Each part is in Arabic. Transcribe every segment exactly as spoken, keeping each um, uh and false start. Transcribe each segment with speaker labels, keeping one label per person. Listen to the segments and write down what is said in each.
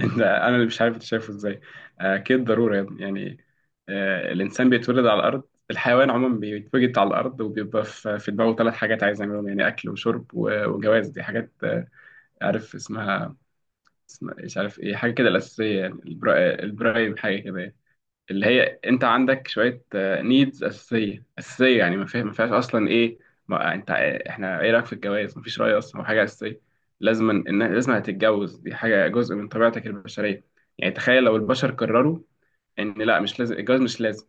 Speaker 1: ده انا اللي مش عارف انت شايفه ازاي؟ اكيد ضروري يا ابني. يعني آه، الانسان بيتولد على الارض. الحيوان عموما بيتوجد على الارض وبيبقى في في دماغه ثلاث حاجات عايز يعملهم، يعني اكل وشرب و- وجواز. دي حاجات، آه، عارف اسمها، اسمها مش عارف ايه، حاجه كده الاساسيه، يعني البرا- البرايم، حاجه كده يعني. اللي هي انت عندك شويه نيدز اساسيه اساسيه، يعني ما فيه- ما فيهاش اصلا ايه. ما انت آه، احنا ايه رايك في الجواز؟ ما فيش راي اصلا، هو حاجه اساسيه. لازم ان لازم هتتجوز، دي حاجه جزء من طبيعتك البشريه. يعني تخيل لو البشر قرروا ان لا، مش لازم الجواز، مش لازم،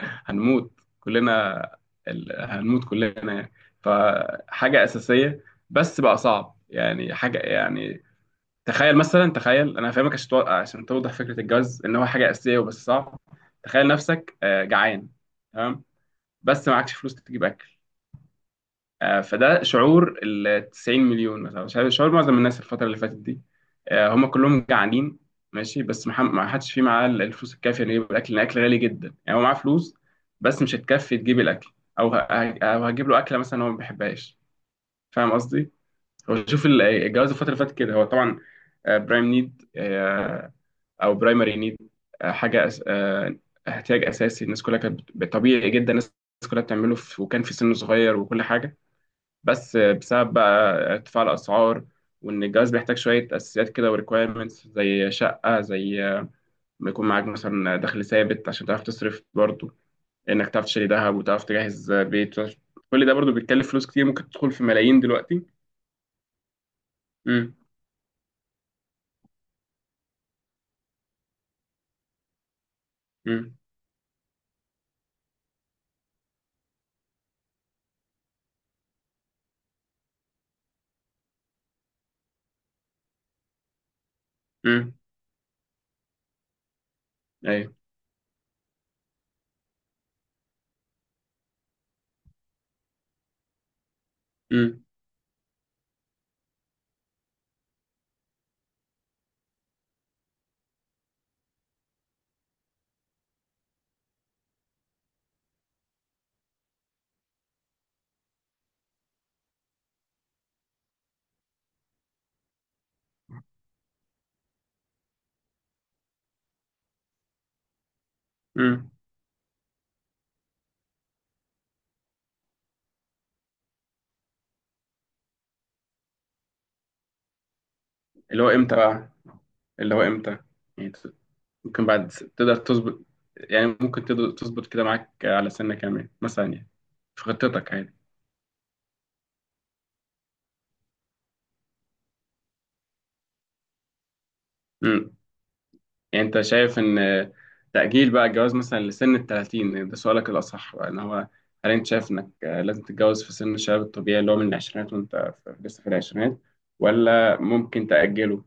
Speaker 1: هنموت كلنا. ال... هنموت كلنا يعني. فحاجه اساسيه، بس بقى صعب، يعني حاجه يعني. تخيل مثلا، تخيل انا هفهمك، عشان تو- عشان توضح فكره الجواز ان هو حاجه اساسيه وبس صعب. تخيل نفسك آه، جعان، تمام؟ بس معكش فلوس تجيب اكل. آه، فده شعور ال تسعين مليون مثلا، شعور شعور معظم الناس الفتره اللي فاتت دي، آه، هم كلهم جعانين. ماشي، بس ما حم- ما حدش فيه معاه الفلوس الكافيه انه يجيب الاكل، لان الاكل غالي جدا. يعني هو معاه فلوس بس مش هتكفي تجيب الاكل. او ه- ه- أو هتجيب له اكله مثلا هو ما بيحبهاش. فاهم قصدي؟ هو شوف ال- الجواز الفتره اللي فاتت كده، هو طبعا برايم نيد او برايمري نيد، حاجه أس... آه، احتياج اساسي. الناس كلها كانت بت- طبيعي جدا الناس كلها بتعمله في... وكان في سن صغير وكل حاجه. بس آه، بسبب بقى ارتفاع الاسعار، وان الجواز بيحتاج شويه اساسيات كده وريكويرمنتس زي شقه، زي آه، ما يكون معاك مثلا دخل ثابت عشان تعرف تصرف برضه، انك تعرف تشتري ذهب وتعرف تجهز آه، بيت. كل ده برضه بيتكلف فلوس كتير، ممكن تدخل في ملايين دلوقتي. امم. امم. امم. ايوه. امم. امم. اللي هو امتى بقى، اللي هو امتى؟ يعني ممكن بعد س- تقدر تظبط، يعني ممكن تقدر تظبط كده معاك على سنة كمان مثلا يعني، في خطتك عادي. امم. يعني انت شايف ان تأجيل بقى الجواز مثلا لسن ال ثلاثين ده سؤالك الأصح بقى، ان هو هل انت شايف انك لازم تتجوز في سن الشباب الطبيعي اللي هو من العشرينات، وانت في- لسه في العشرينات، ولا ممكن تأجله؟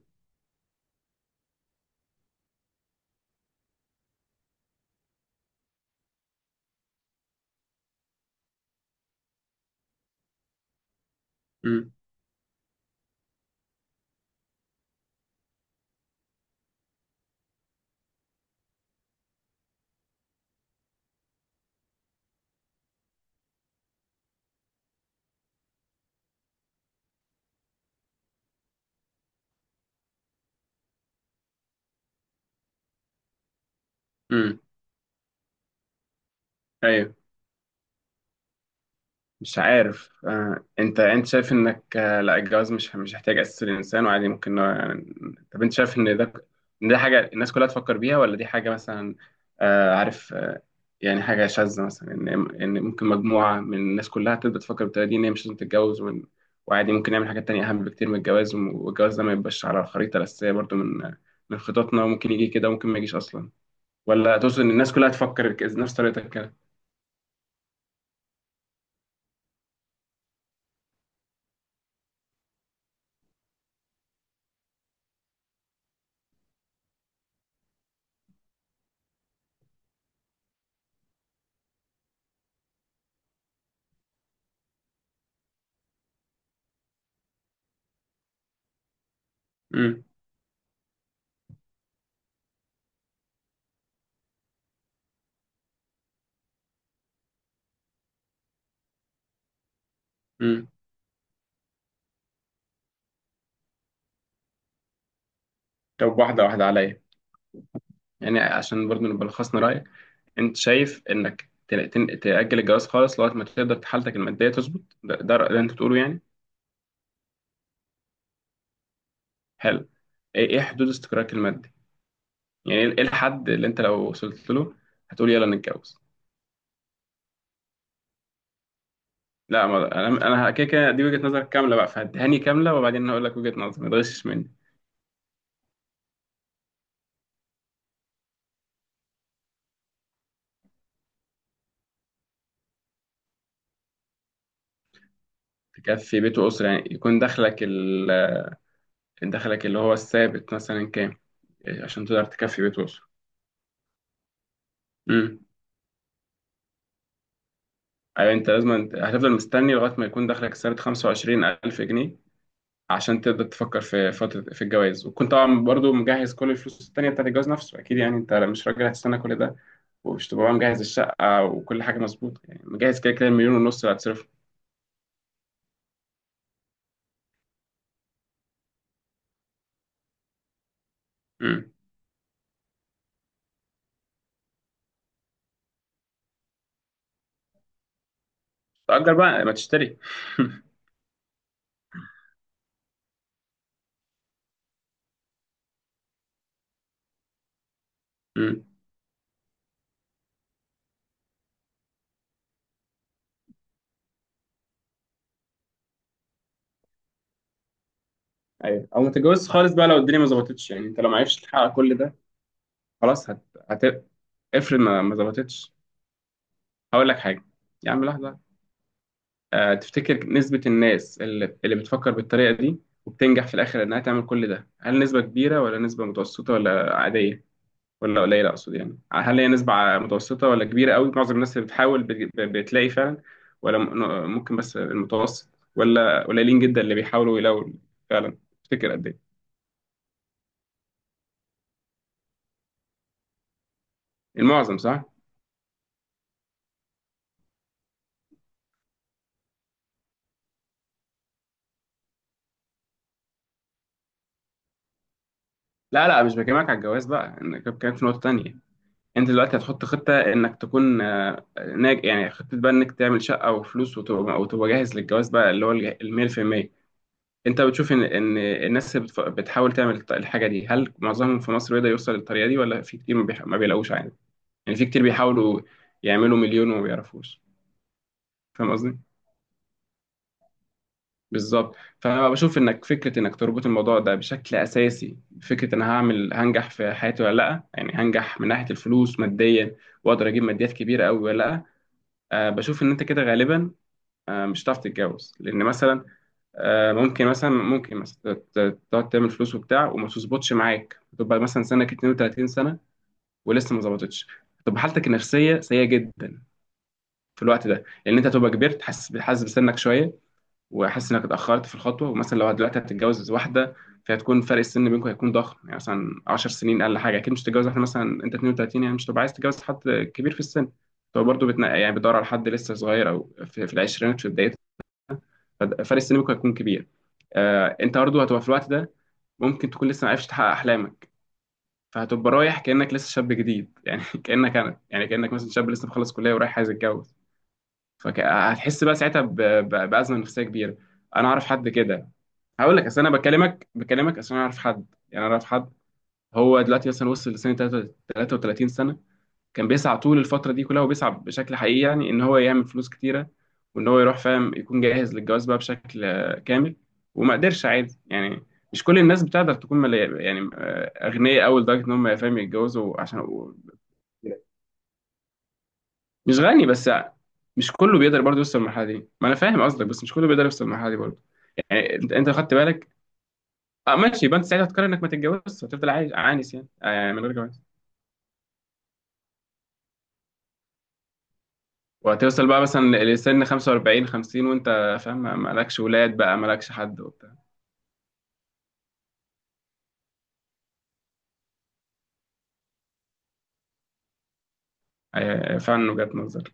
Speaker 1: امم. امم. مش عارف. آه، انت انت شايف انك آه، لا الجواز مش مش هيحتاج اساس الانسان وعادي ممكن ن- طب انت شايف ان ده، ان ده حاجه الناس كلها تفكر بيها، ولا دي حاجه مثلا آه، عارف آه، يعني حاجه شاذه مثلا ان، ان ممكن مجموعه من الناس كلها تبدا تفكر بالطريقه دي ان هي مش لازم تتجوز وإن- وعادي ممكن نعمل حاجات تانية اهم بكتير من الجواز وم- والجواز ده ما يبقاش على الخريطه الاساسيه برضو من من خططنا، وممكن يجي كده وممكن ما يجيش اصلا. ولا تقصد ان الناس كلها تفكر ك- نفس طريقتك كده؟ امم. امم. طب واحده واحده عليا، يعني عشان برضه نبقى لخصنا رأيك. انت شايف انك ت- تن- تأجل الجواز خالص لغاية ما تقدر حالتك المادية تظبط، ده, ده رأي- اللي انت بتقوله يعني. حلو. ايه، إيه حدود استقرارك المادي، يعني ايه، إيه الحد اللي انت لو وصلت له هتقول يلا نتجوز؟ لا، ما انا انا كده كده دي وجهة نظرك كاملة بقى، فهديهاني كاملة وبعدين هقول لك وجهة نظري، ما تغشش مني. تكفي بيت وأسرة، يعني يكون دخلك ال... دخلك اللي هو الثابت مثلا كام؟ إيه، عشان تقدر تكفي بيت وأسرة. ايوه، انت لازم، انت هتفضل مستني لغايه ما يكون دخلك السنه خمسة وعشرين الف جنيه عشان تقدر تفكر في فتره في الجواز، وتكون طبعا برضو مجهز كل الفلوس التانيه بتاعت الجواز نفسه اكيد يعني، انت مش راجل هتستنى كل ده، ومش تبقى مجهز الشقه وكل حاجه مظبوطه، يعني مجهز كده كده المليون ونص اللي هتصرفه. امم. تأجر بقى ما تشتري. امم. ايوه، او ما تتجوزش خالص بقى لو الدنيا ما ظبطتش، يعني انت لو ما عرفتش تحقق كل ده. خلاص هت... هت... افرض ما ما ظبطتش. هقول لك حاجه. يا عم لحظه. آه، تفتكر نسبة الناس اللي اللي بتفكر بالطريقة دي وبتنجح في الآخر إنها تعمل كل ده، هل نسبة كبيرة ولا نسبة متوسطة ولا عادية ولا قليلة؟ أقصد يعني هل هي نسبة ع- متوسطة ولا كبيرة قوي؟ معظم الناس اللي بتحاول بت- بتلاقي فعلا، ولا م- ممكن بس المتوسط، ولا قليلين جدا اللي بيحاولوا يلاقوا فعلا؟ تفتكر قد إيه؟ المعظم صح؟ لا لا، مش بكلمك على الجواز بقى، أنا كنت بكلمك في نقطة تانية. انت دلوقتي هتحط خطه انك تكون آه، ناج، يعني خطه بقى انك تعمل شقه وفلوس وتبقى، وتبقى جاهز للجواز بقى اللي هو الج- ال مية في المية. انت بتشوف ان ان الناس اللي بتف- بتحاول تعمل الط- الحاجه دي هل معظمهم في مصر بيقدر يوصل للطريقه دي، ولا في كتير ما بيح- ما بيلاقوش عادي؟ يعني في كتير بيحاولوا يعملوا مليون وما بيعرفوش. فاهم قصدي؟ بالظبط. فانا بشوف انك فكره انك تربط الموضوع ده بشكل اساسي فكره انا هعمل، هنجح في حياتي ولا لا، يعني هنجح من ناحيه الفلوس ماديا، واقدر اجيب ماديات كبيره قوي ولا لا. آه، بشوف ان انت كده غالبا آه، مش هتعرف تتجوز، لان مثلا آه، ممكن مثلا ممكن مثلا ت- ت- تقعد تعمل فلوس وبتاع وما تظبطش معاك، تبقى مثلا سنك اثنين وثلاثين سنه ولسه ما ظبطتش، تبقى حالتك النفسيه سيئه جدا في الوقت ده، لان انت تبقى كبرت، حاسس حاسس بسنك شويه، واحس انك اتاخرت في الخطوه، ومثلا لو دلوقتي هتتجوز واحده فهتكون فرق السن بينكم هيكون ضخم، يعني مثلا عشر سنين اقل حاجه، اكيد مش هتتجوز واحده مثلا انت اتنين وتلاتين، يعني مش هتبقى عايز تتجوز حد كبير في السن، فهو برضه بتنقى يعني بيدور على حد لسه صغير او في, في العشرينات في بدايته، ففرق السن بينكم هيكون كبير. آه، انت برضه هتبقى في الوقت ده ممكن تكون لسه ما عرفتش تحقق احلامك، فهتبقى رايح كانك لسه شاب جديد. يعني كانك انا، يعني كانك مثلا شاب لسه مخلص كليه ورايح عايز يتجوز، فهتحس بقى ساعتها ب- ب- بازمه نفسيه كبيره. انا اعرف حد كده. هقول لك اصل انا بكلمك بكلمك عشان اعرف حد، يعني اعرف حد. هو دلوقتي مثلا وصل لسنه تلاتة- 33 سنه، كان بيسعى طول الفتره دي كلها وبيسعى بشكل حقيقي يعني ان هو يعمل فلوس كتيره، وان هو يروح فاهم يكون جاهز للجواز بقى بشكل آه، كامل، وما قدرش عادي يعني. مش كل الناس بتقدر تكون ملا- يعني آه، اغنياء قوي لدرجه ان هم فاهم يتجوزوا عشان. مش غني بس، مش كله بيقدر برضه يوصل للمرحله دي، ما انا فاهم قصدك، بس مش كله بيقدر يوصل للمرحله دي برضه. يعني انت، انت خدت بالك؟ اه ماشي، يبقى انت ساعتها هتقرر انك ما تتجوزش وتفضل عايش عانس يعني، آه يعني من غير جواز. وهتوصل بقى مثلا لسن خمسة واربعين خمسين وانت فاهم ما- مالكش ولاد بقى، مالكش حد وبتاع. آه، آه، فعلا وجهة نظر.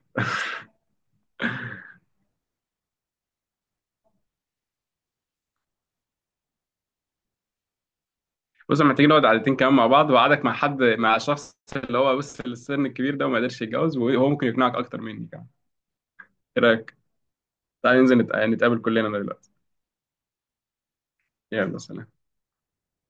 Speaker 1: بص احنا محتاجين نقعد قعدتين كمان مع بعض، وقعدك مع حد، مع شخص اللي هو بص في السن الكبير ده وما قدرش يتجوز، وهو ممكن يقنعك اكتر مني كمان. ايه رايك؟ تعالى ننزل نت- نتقابل كلنا دلوقتي. يلا سلام.